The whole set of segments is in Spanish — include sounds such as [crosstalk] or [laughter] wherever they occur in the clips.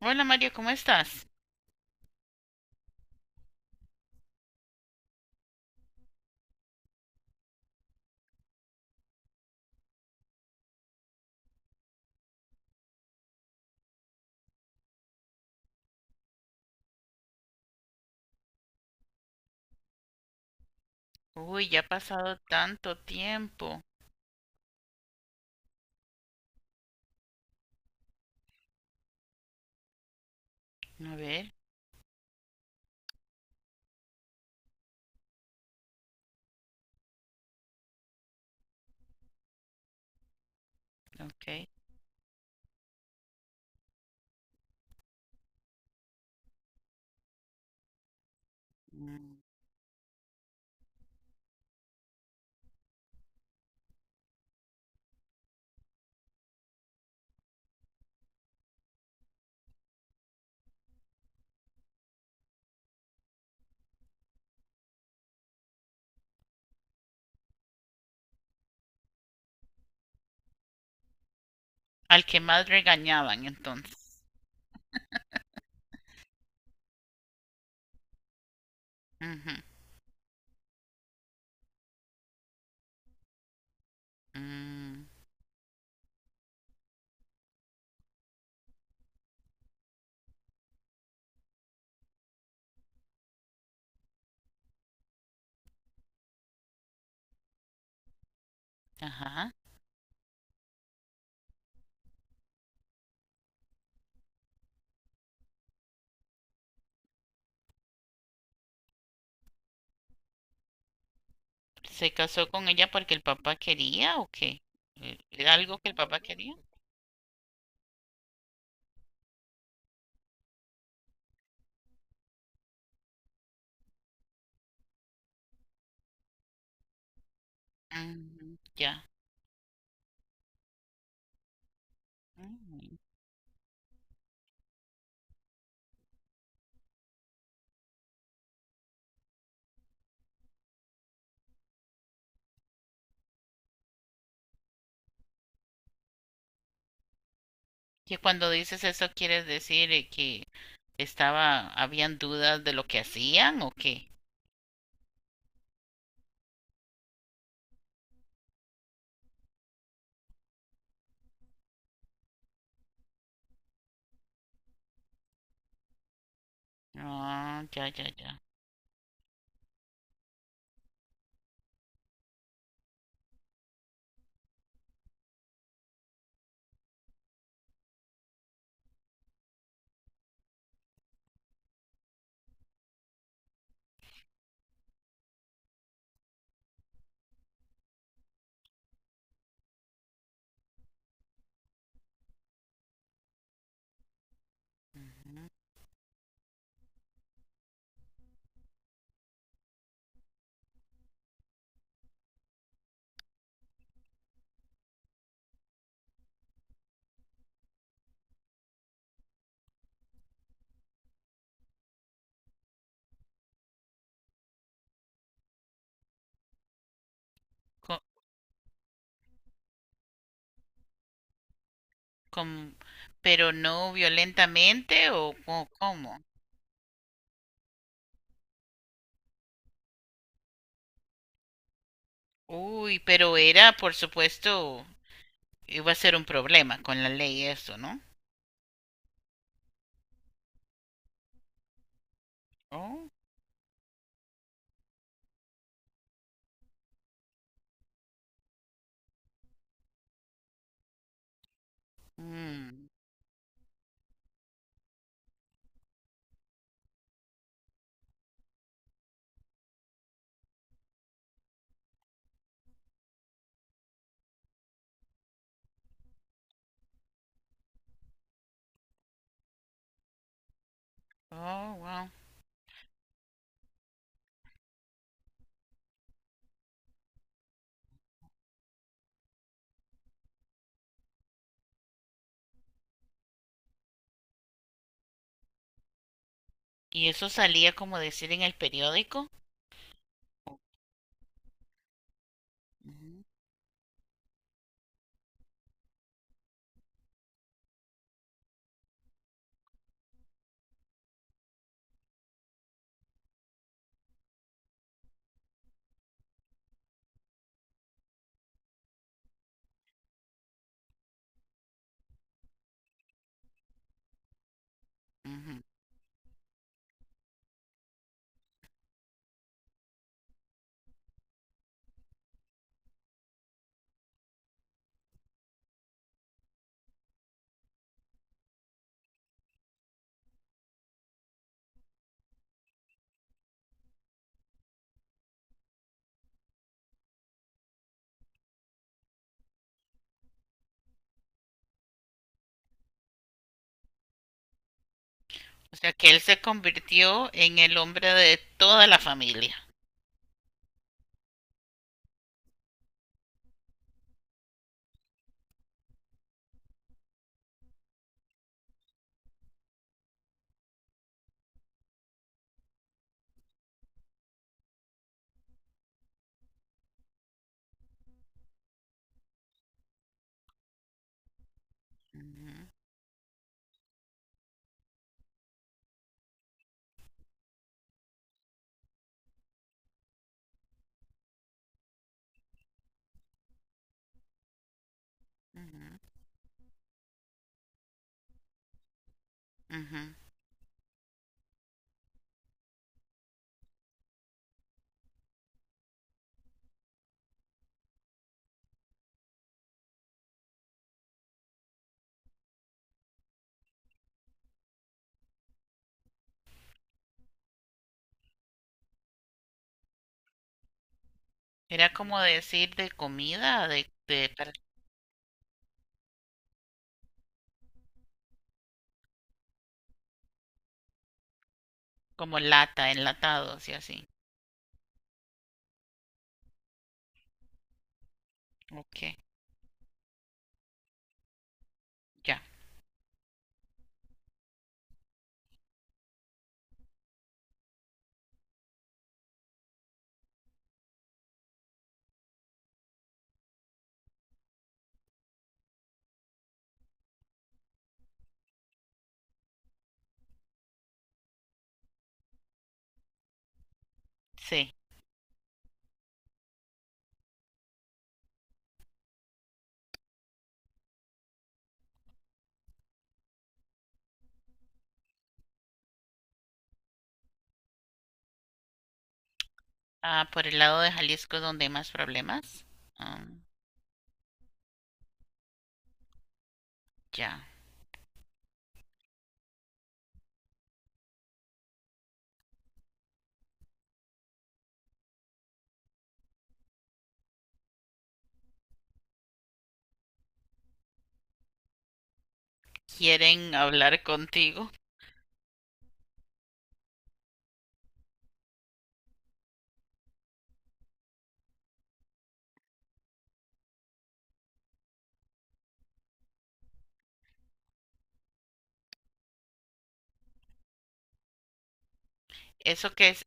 Hola Mario, ¿cómo estás? Uy, ya ha pasado tanto tiempo. A ver, ok. Mm. Al que más regañaban entonces. Ujú, mm, ajá. ¿Se casó con ella porque el papá quería o qué? ¿Era algo que el papá quería? Mm, ya. Mm. Que cuando dices eso quieres decir que estaba, ¿habían dudas de lo que hacían o qué? Ah, ya, ya, ya. Ujú. Como- pero no violentamente o cómo. Uy, pero era, por supuesto, iba a ser un problema con la ley eso, ¿no? Oh, mm, oh, wow. ¿Y eso salía como decir en el periódico? Ujú, ujú. O sea que él se convirtió en el hombre de toda la familia. Ujú, ujú, ujú. Era como decir de comida, de para- como lata, enlatados y así. Ok, ya, sí. Ah, por el lado de Jalisco es donde hay más problemas. Ah, ya. Quieren hablar contigo. Eso que es,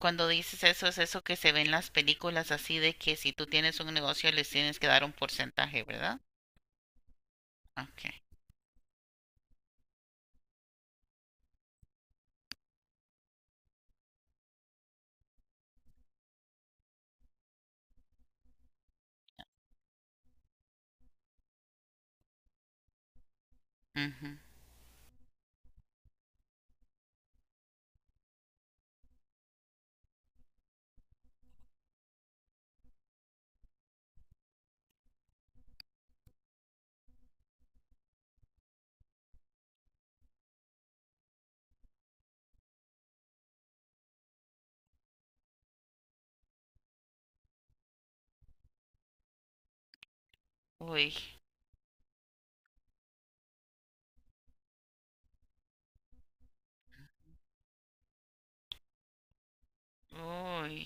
cuando dices eso, es eso que se ve en las películas así de que si tú tienes un negocio les tienes que dar un porcentaje, ¿verdad? Ok. Ujú. Uy, uy,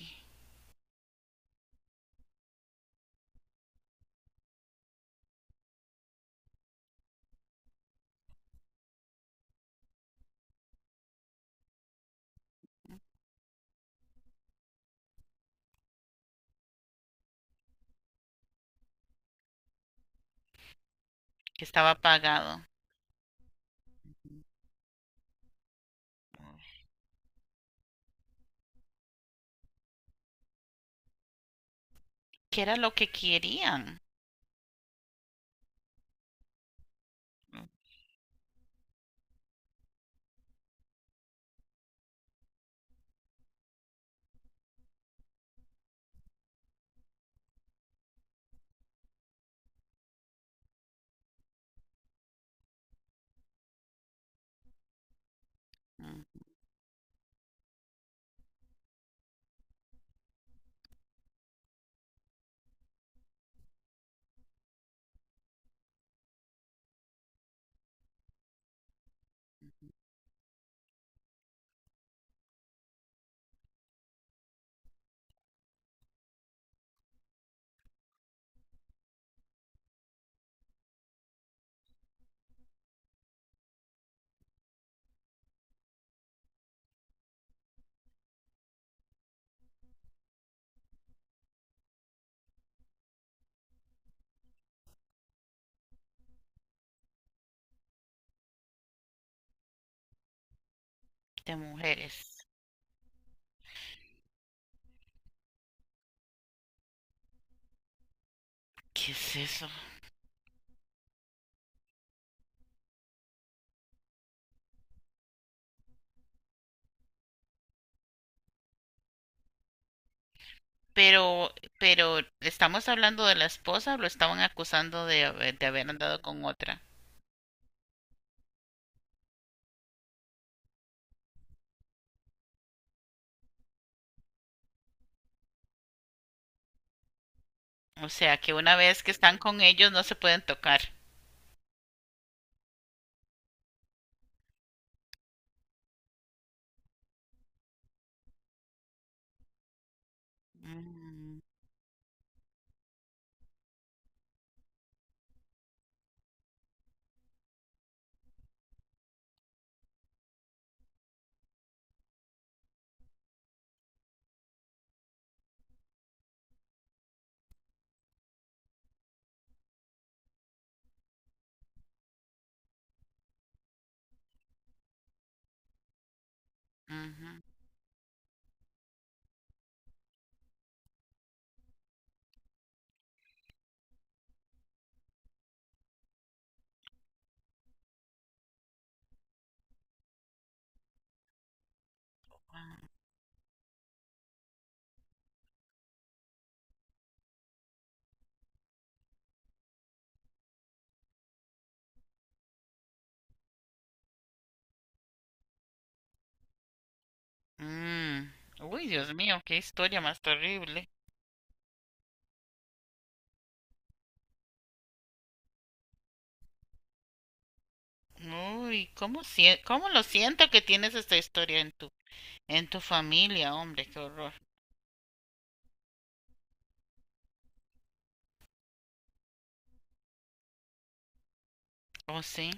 que estaba pagado. ¿Qué era lo que querían? Ujú, de mujeres. ¿Qué es eso? Pero, pero, ¿estamos hablando de la esposa o lo estaban acusando de, de haber andado con otra? O sea, que una vez que están con ellos no se pueden tocar. Mm, ujú, mm. Uy, Dios mío, qué historia más terrible. Uy, cómo, cómo lo siento que tienes esta historia en tu familia, hombre, qué horror. Oh, sí.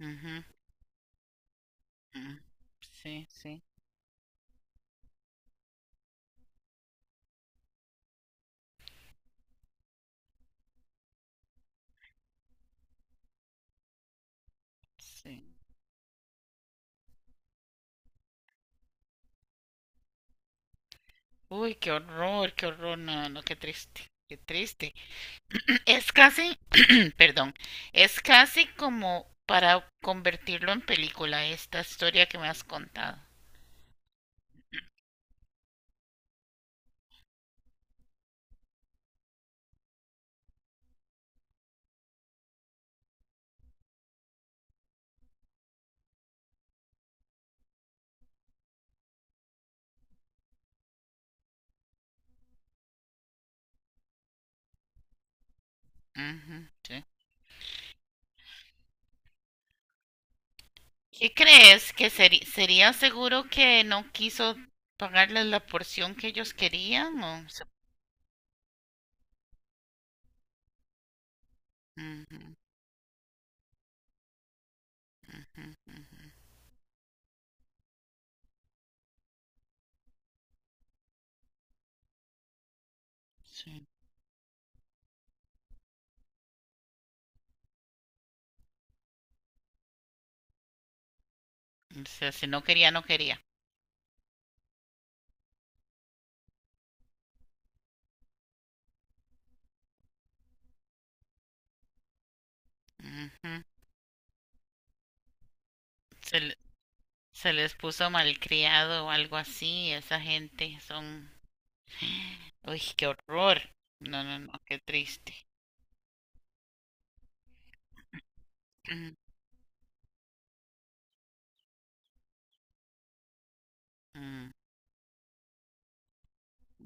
Ujú, mm, sí, sí, sí. Uy, qué horror, no, no, qué triste, qué triste. [clears throat] Es casi, [clears throat] perdón, es casi como para convertirlo en película esta historia que me has contado. Ujú, sí. ¿Qué crees? ¿Que sería seguro que no quiso pagarles la porción que ellos querían? ¿O se- ujú, ujú, sí. O sea, si no quería, no quería. Ujú. Se, le- Se les puso malcriado o algo así. Esa gente son... ¡Uy, qué horror! No, no, no, qué triste.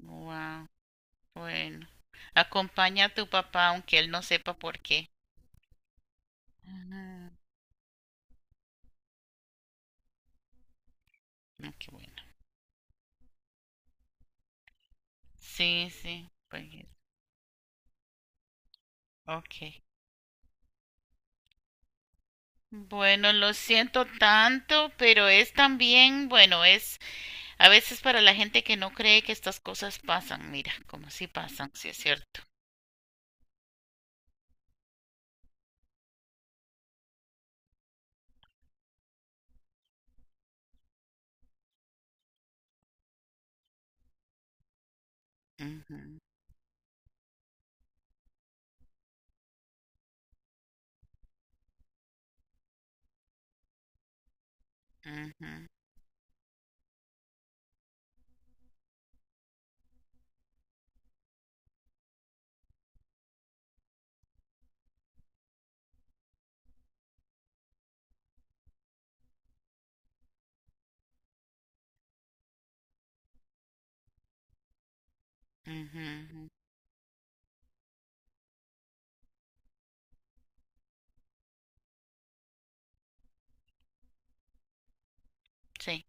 Wow, bueno. Acompaña a tu papá aunque él no sepa por qué. Ujú. Ah, qué bueno. Sí, sí, pues, ok. Bueno, lo siento tanto, pero es también, bueno, es a veces para la gente que no cree que estas cosas pasan, mira, como si pasan, sí es cierto. Ujú, ujú, ujú. Sí,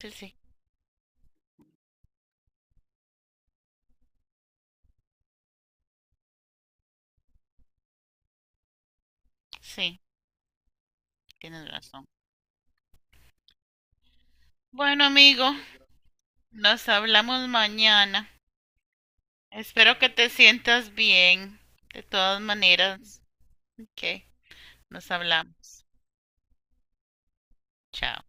sí, sí, sí, tienes razón. Bueno, amigo, nos hablamos mañana. Espero que te sientas bien. De todas maneras, ok, nos hablamos. Chao.